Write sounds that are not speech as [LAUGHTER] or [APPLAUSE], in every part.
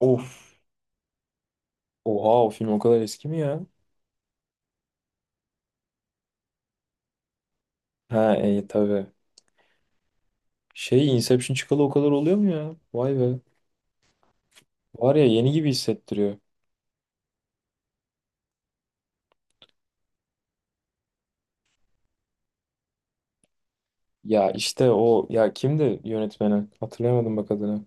Of. Oha, o film o kadar eski mi ya? Ha tabii. Şey, Inception çıkalı o kadar oluyor mu ya? Vay be. Var ya, yeni gibi hissettiriyor. Ya işte o, ya kimdi yönetmeni? Hatırlayamadım bak adını.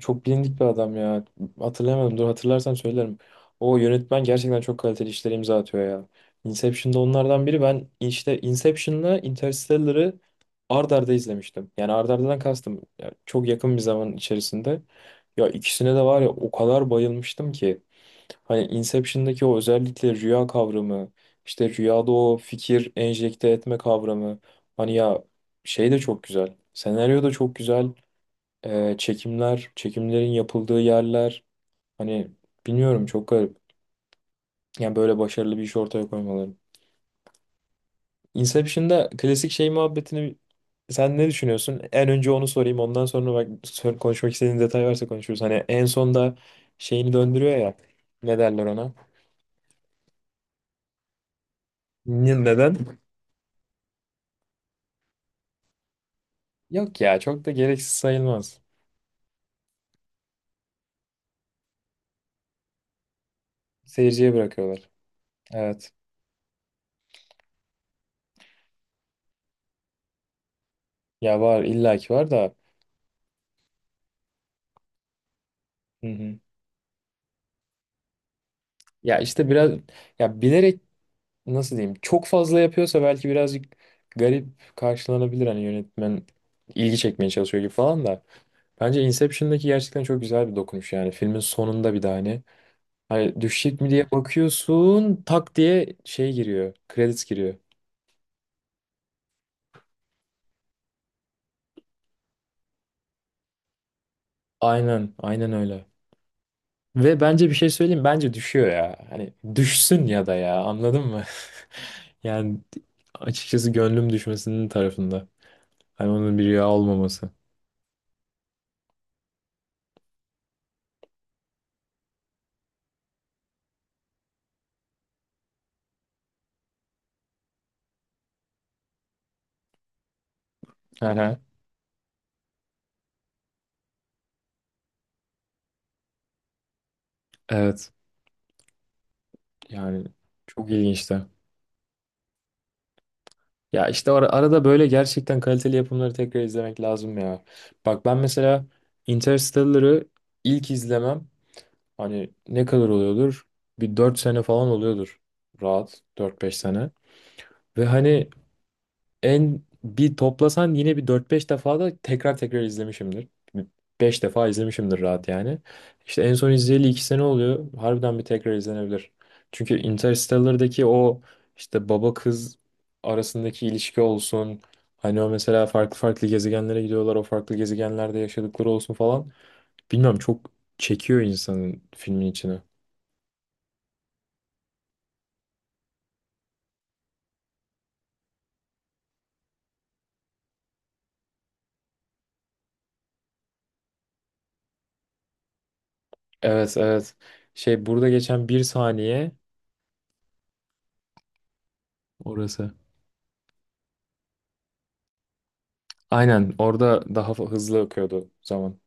Çok bilindik bir adam ya. Hatırlayamadım. Dur, hatırlarsam söylerim. O yönetmen gerçekten çok kaliteli işler imza atıyor ya. Inception'da onlardan biri. Ben işte Inception'la Interstellar'ı ard arda izlemiştim. Yani ard ardadan kastım, ya çok yakın bir zaman içerisinde. Ya ikisine de var ya, o kadar bayılmıştım ki. Hani Inception'daki o özellikle rüya kavramı, işte rüyada o fikir enjekte etme kavramı. Hani ya şey de çok güzel. Senaryo da çok güzel, çekimler, çekimlerin yapıldığı yerler, hani bilmiyorum, çok garip. Yani böyle başarılı bir iş ortaya koymaları. Inception'da klasik şey muhabbetini, sen ne düşünüyorsun? En önce onu sorayım, ondan sonra bak konuşmak istediğin detay varsa konuşuruz. Hani en sonda şeyini döndürüyor ya, ne derler ona? Neden? Yok ya, çok da gereksiz sayılmaz. Seyirciye bırakıyorlar. Evet. Ya var, illaki var da. Hı hı. Ya işte biraz, ya bilerek, nasıl diyeyim, çok fazla yapıyorsa belki birazcık garip karşılanabilir, hani yönetmen ilgi çekmeye çalışıyor gibi falan da. Bence Inception'daki gerçekten çok güzel bir dokunuş, yani filmin sonunda bir de hani, hani düşecek mi diye bakıyorsun, tak diye şey giriyor, credits giriyor. Aynen, aynen öyle. Ve bence bir şey söyleyeyim, bence düşüyor ya. Hani düşsün ya da, ya anladın mı? [LAUGHS] Yani açıkçası gönlüm düşmesinin tarafında. Hani onun bir rüya olmaması. Hı hı. Evet. Yani çok ilginçti. Ya işte arada böyle gerçekten kaliteli yapımları tekrar izlemek lazım ya. Bak ben mesela Interstellar'ı ilk izlemem, hani ne kadar oluyordur? Bir 4 sene falan oluyordur. Rahat dört beş sene. Ve hani en bir toplasan yine bir dört beş defa da tekrar tekrar izlemişimdir. 5 defa izlemişimdir rahat yani. İşte en son izleyeli 2 sene oluyor. Harbiden bir tekrar izlenebilir. Çünkü Interstellar'daki o işte baba kız arasındaki ilişki olsun. Hani o mesela farklı farklı gezegenlere gidiyorlar. O farklı gezegenlerde yaşadıkları olsun falan. Bilmiyorum, çok çekiyor insanın filmin içine. Evet, evet. Şey, burada geçen bir saniye orası. Aynen, orada daha hızlı akıyordu zaman.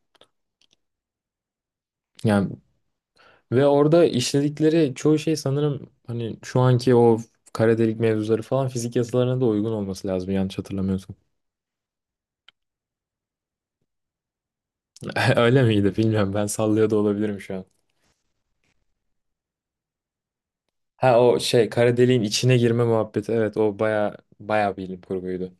Yani ve orada işledikleri çoğu şey sanırım hani şu anki o kara delik mevzuları falan fizik yasalarına da uygun olması lazım, yanlış hatırlamıyorsam. [LAUGHS] Öyle miydi bilmiyorum, ben sallıyor da olabilirim şu an. Ha, o şey kara deliğin içine girme muhabbeti, evet, o baya baya bilim kurguydu.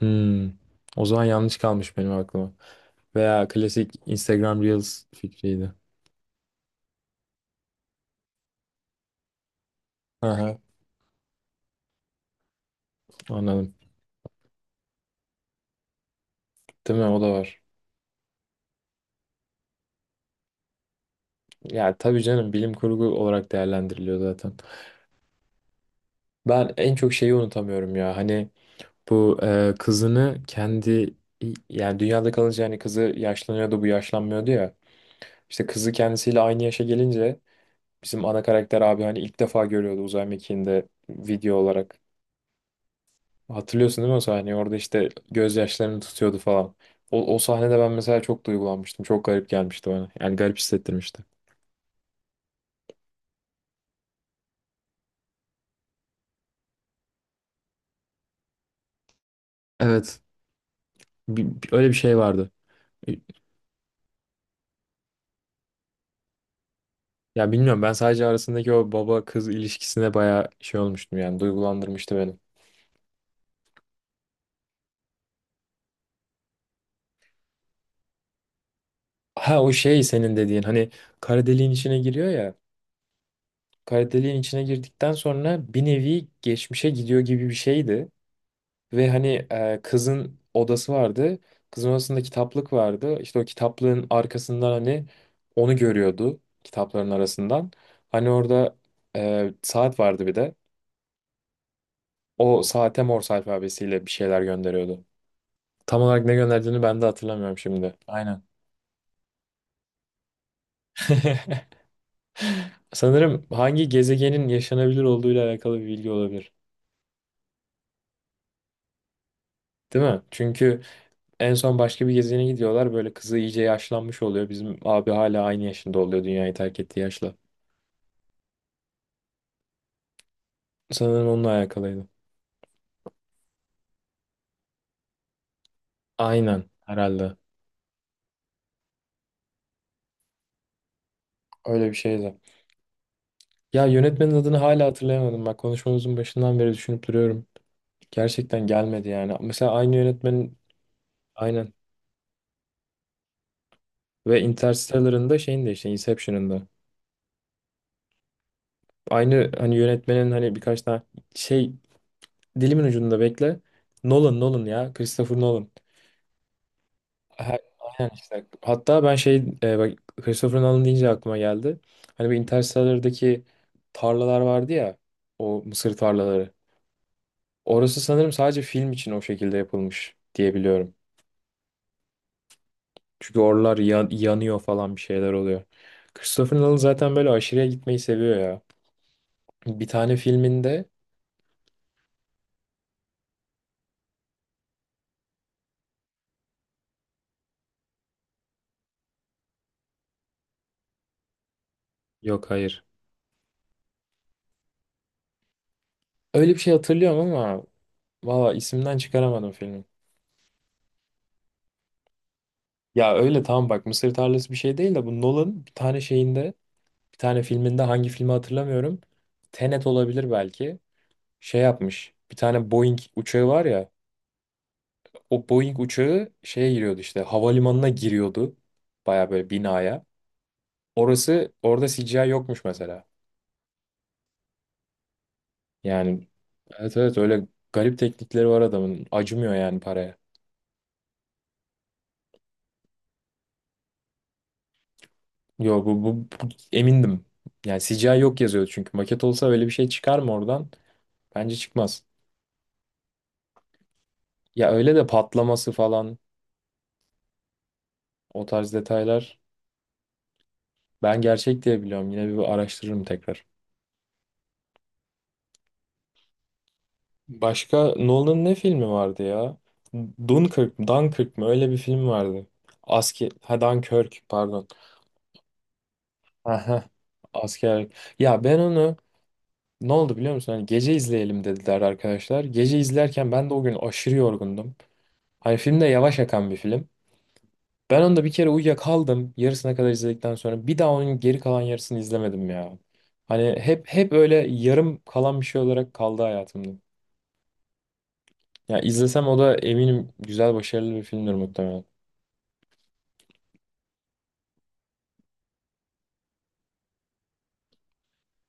Hmm. O zaman yanlış kalmış benim aklıma. Veya klasik Instagram Reels fikriydi. Aha, anladım. Değil mi? O da var. Ya tabii canım, bilim kurgu olarak değerlendiriliyor zaten. Ben en çok şeyi unutamıyorum ya. Hani bu kızını kendi, yani dünyada kalınca hani kızı yaşlanıyordu, bu yaşlanmıyordu ya. İşte kızı kendisiyle aynı yaşa gelince bizim ana karakter abi hani ilk defa görüyordu uzay mekiğinde video olarak. Hatırlıyorsun değil mi o sahneyi? Orada işte gözyaşlarını tutuyordu falan. O, o sahnede ben mesela çok duygulanmıştım. Çok garip gelmişti bana. Yani garip hissettirmişti. Evet. Öyle bir şey vardı. Ya bilmiyorum, ben sadece arasındaki o baba kız ilişkisine bayağı şey olmuştum, yani duygulandırmıştı beni. Ha, o şey senin dediğin hani, kara deliğin içine giriyor ya. Kara deliğin içine girdikten sonra bir nevi geçmişe gidiyor gibi bir şeydi. Ve hani kızın odası vardı. Kızın odasında kitaplık vardı. İşte o kitaplığın arkasından hani onu görüyordu kitapların arasından. Hani orada saat vardı bir de. O saate Morse alfabesiyle bir şeyler gönderiyordu. Tam olarak ne gönderdiğini ben de hatırlamıyorum şimdi. Aynen. [LAUGHS] Sanırım hangi gezegenin yaşanabilir olduğuyla alakalı bir bilgi olabilir. Değil mi? Çünkü en son başka bir gezegene gidiyorlar. Böyle kızı iyice yaşlanmış oluyor. Bizim abi hala aynı yaşında oluyor dünyayı terk ettiği yaşla. Sanırım onunla alakalıydı. Aynen herhalde. Öyle bir şeydi. Ya yönetmenin adını hala hatırlayamadım. Bak konuşmamızın başından beri düşünüp duruyorum. Gerçekten gelmedi yani. Mesela aynı yönetmenin aynen. Ve Interstellar'ın da şeyin de işte Inception'ın da. Aynı hani yönetmenin hani birkaç tane şey, dilimin ucunda bekle. Nolan, Nolan ya. Christopher Nolan. Ha- Aynen işte. Hatta ben şey, bak Christopher Nolan deyince aklıma geldi. Hani bir Interstellar'daki tarlalar vardı ya. O mısır tarlaları. Orası sanırım sadece film için o şekilde yapılmış diye biliyorum. Çünkü oralar yanıyor falan, bir şeyler oluyor. Christopher Nolan zaten böyle aşırıya gitmeyi seviyor ya. Bir tane filminde yok, hayır. Öyle bir şey hatırlıyorum ama valla isimden çıkaramadım filmin. Ya öyle tamam bak, Mısır tarlası bir şey değil de, bu Nolan bir tane şeyinde, bir tane filminde, hangi filmi hatırlamıyorum. Tenet olabilir belki. Şey yapmış. Bir tane Boeing uçağı var ya. O Boeing uçağı şeye giriyordu, işte havalimanına giriyordu. Baya böyle binaya. Orası, orada CGI yokmuş mesela. Yani evet, evet, öyle garip teknikleri var adamın. Acımıyor yani paraya. Yo, emindim. Yani CGI yok yazıyordu çünkü. Maket olsa öyle bir şey çıkar mı oradan? Bence çıkmaz. Ya öyle de patlaması falan o tarz detaylar, ben gerçek diye biliyorum. Yine bir araştırırım tekrar. Başka Nolan'ın ne filmi vardı ya? Dunkirk mi, Dunkirk mı? Öyle bir film vardı. Asker, ha Dunkirk pardon. [LAUGHS] Aha, askerlik. Ya ben onu, ne oldu biliyor musun? Hani gece izleyelim dediler arkadaşlar. Gece izlerken ben de o gün aşırı yorgundum. Hani film de yavaş akan bir film. Ben onda bir kere uyuyakaldım. Yarısına kadar izledikten sonra bir daha onun geri kalan yarısını izlemedim ya. Hani hep hep öyle yarım kalan bir şey olarak kaldı hayatımda. Ya izlesem o da eminim güzel, başarılı bir filmdir muhtemelen.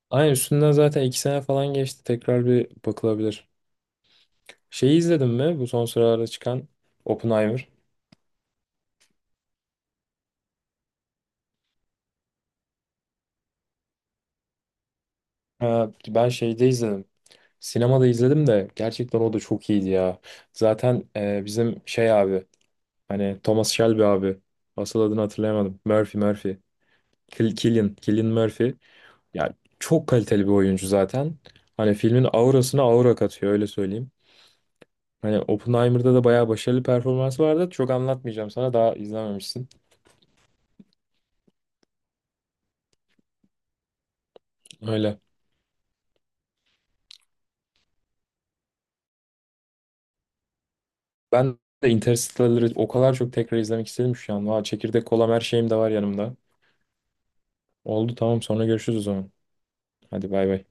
Aynen, üstünden zaten iki sene falan geçti. Tekrar bir bakılabilir. Şeyi izledin mi? Bu son sıralarda çıkan Oppenheimer. Ha, ben şeyde izledim. Sinemada izledim de gerçekten o da çok iyiydi ya. Zaten bizim şey abi, hani Thomas Shelby abi. Asıl adını hatırlayamadım. Murphy, Murphy. Cillian, Cillian Murphy. Ya çok kaliteli bir oyuncu zaten. Hani filmin aurasına aura katıyor, öyle söyleyeyim. Hani Oppenheimer'da da bayağı başarılı performansı vardı. Çok anlatmayacağım sana, daha izlememişsin. Öyle. Ben de Interstellar'ı o kadar çok tekrar izlemek istedim şu an. Valla çekirdek, kolam, her şeyim de var yanımda. Oldu, tamam, sonra görüşürüz o zaman. Hadi bay bay.